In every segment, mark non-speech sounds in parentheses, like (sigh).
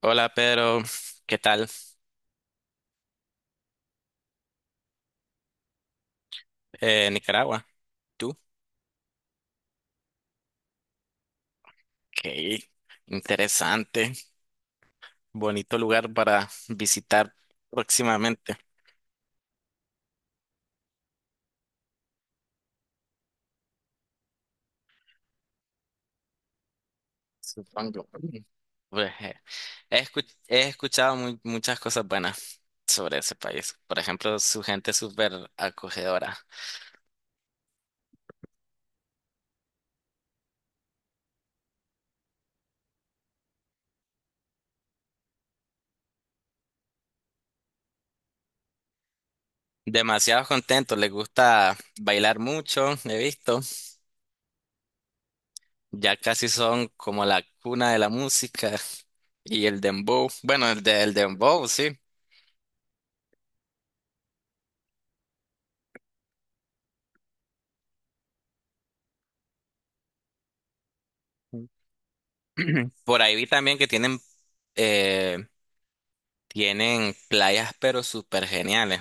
Hola Pedro, ¿qué tal? Nicaragua, ¿tú? Qué interesante, bonito lugar para visitar próximamente, supongo. Pues, he escuchado muchas cosas buenas sobre ese país. Por ejemplo, su gente es súper acogedora. Demasiado contento, les gusta bailar mucho, he visto. Ya casi son como la cuna de la música y el dembow. Bueno, el del dembow, sí. (clears throat) Por ahí vi también que eh, tienen playas, pero súper geniales.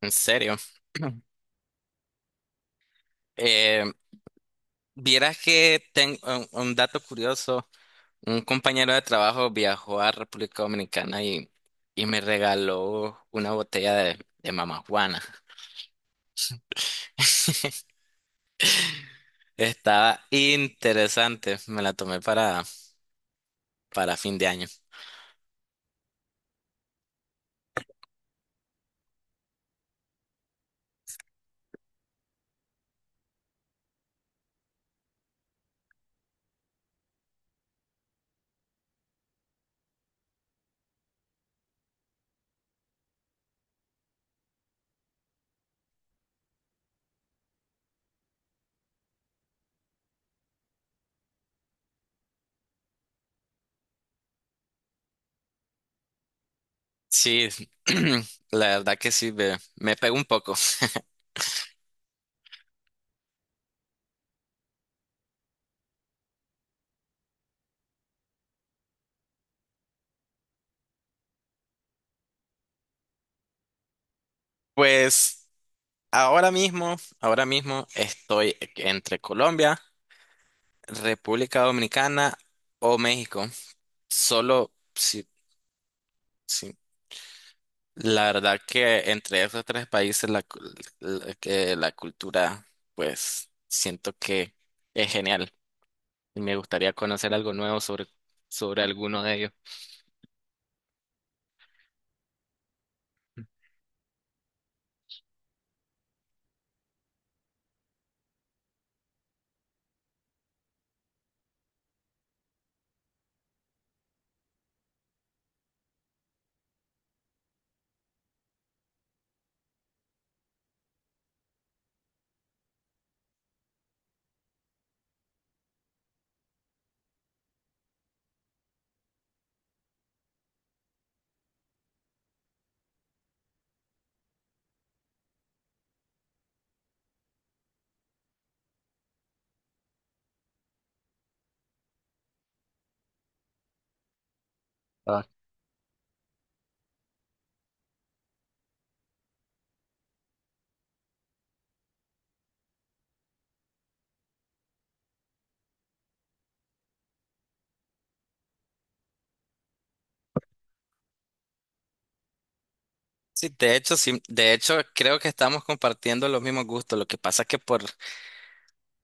En serio. (clears throat) Eh, vieras que tengo un dato curioso. Un compañero de trabajo viajó a República Dominicana y me regaló una botella de Mamá Juana. (laughs) Estaba interesante. Me la tomé para fin de año. Sí, (clears throat) la verdad que sí, me pegó un poco. (laughs) Pues ahora mismo estoy entre Colombia, República Dominicana o México. Solo si, si- la verdad que entre esos tres países la, cul- la- que la cultura, pues siento que es genial. Y me gustaría conocer algo nuevo sobre alguno de ellos. Sí, de hecho, creo que estamos compartiendo los mismos gustos. Lo que pasa es que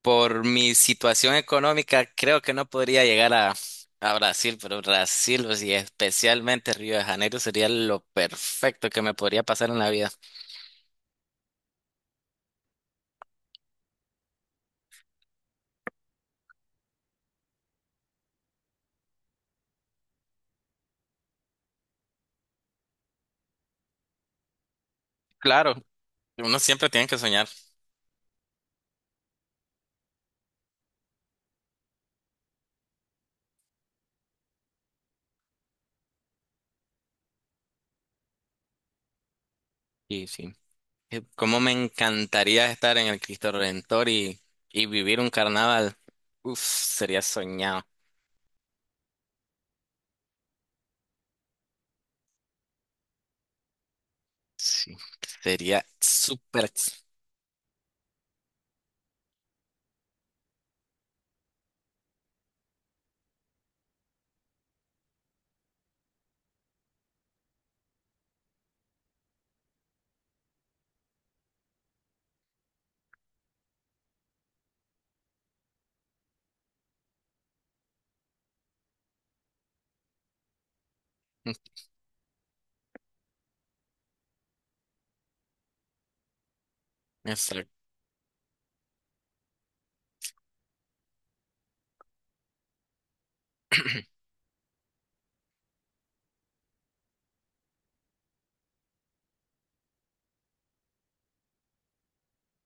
por mi situación económica, creo que no podría llegar a Brasil, pero Brasil, o sea, especialmente Río de Janeiro, sería lo perfecto que me podría pasar en la vida. Claro, uno siempre tiene que soñar. Sí, sí. Cómo me encantaría estar en el Cristo Redentor y vivir un carnaval. Uf, sería soñado. Sí, sería súper. Exacto.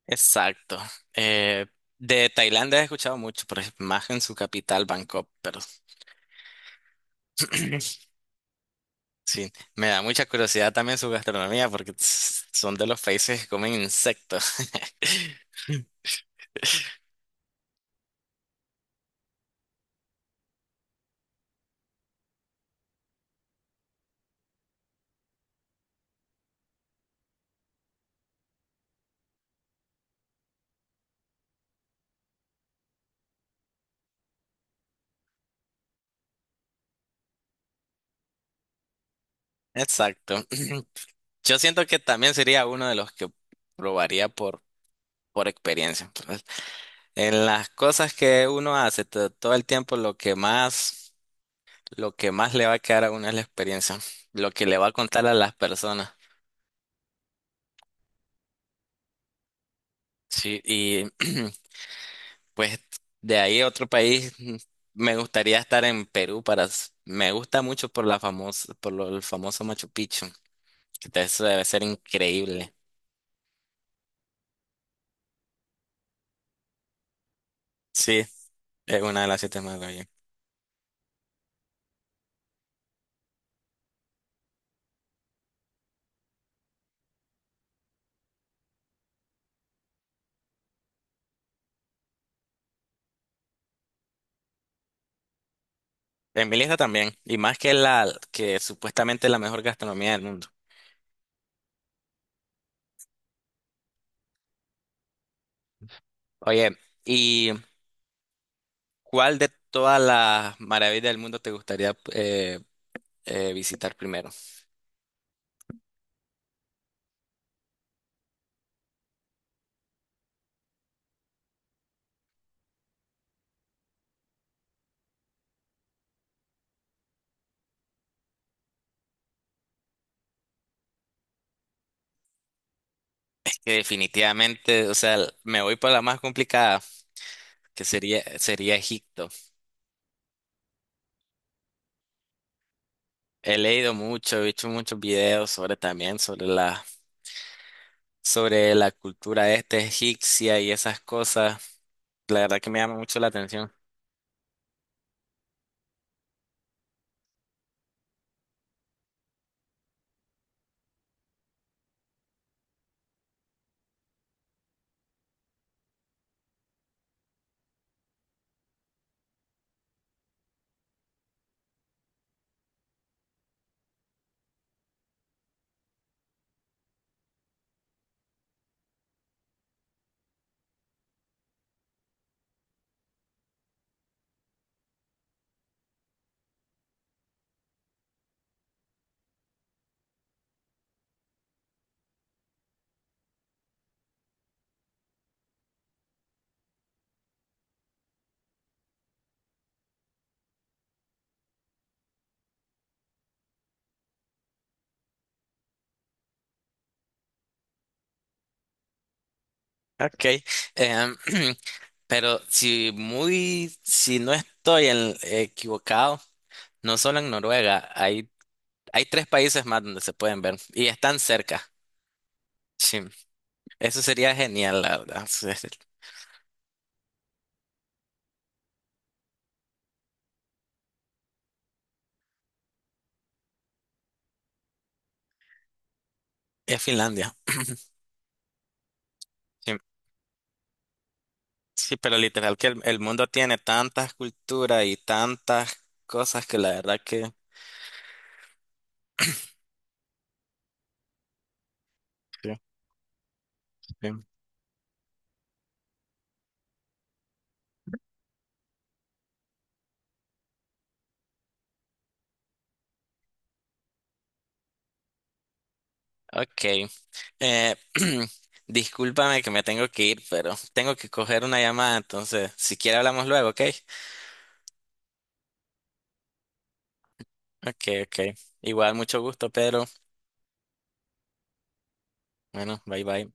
Exacto. Eh, de Tailandia he escuchado mucho, por ejemplo más en su capital, Bangkok, pero (clears throat) sí, me da mucha curiosidad también su gastronomía porque tss, son de los países que comen insectos. (laughs) Exacto. (clears throat) Yo siento que también sería uno de los que probaría por experiencia. Entonces, en las cosas que uno hace todo el tiempo, lo que más... Lo que más le va a quedar a uno es la experiencia, lo que le va a contar a las personas. Sí, y (clears throat) pues de ahí a otro país, mm, me gustaría estar en Perú para, me gusta mucho por la famosa, por el famoso Machu Picchu, eso debe ser increíble. Sí, es una de las siete maravillas. En mi lista también, y más que supuestamente es la mejor gastronomía del mundo. Oye, ¿y cuál de todas las maravillas del mundo te gustaría visitar primero? Que definitivamente, o sea, me voy por la más complicada, sería Egipto. He leído mucho, he hecho muchos videos sobre también, sobre la cultura este egipcia y esas cosas. La verdad que me llama mucho la atención. Ok. em, (clears throat) pero si no estoy equivocado, no solo en Noruega, hay tres países más donde se pueden ver y están cerca. Sí, eso sería genial, la verdad. (laughs) Es Finlandia. Sí. Sí, pero literal que el mundo tiene tantas culturas y tantas cosas que la verdad que... Sí, sí. Ok. Eh, (clears throat) discúlpame que me tengo que ir, pero tengo que coger una llamada, entonces si quiere hablamos luego, ¿ok? Ok, ok. Igual, mucho gusto, Pedro. Bueno, bye bye.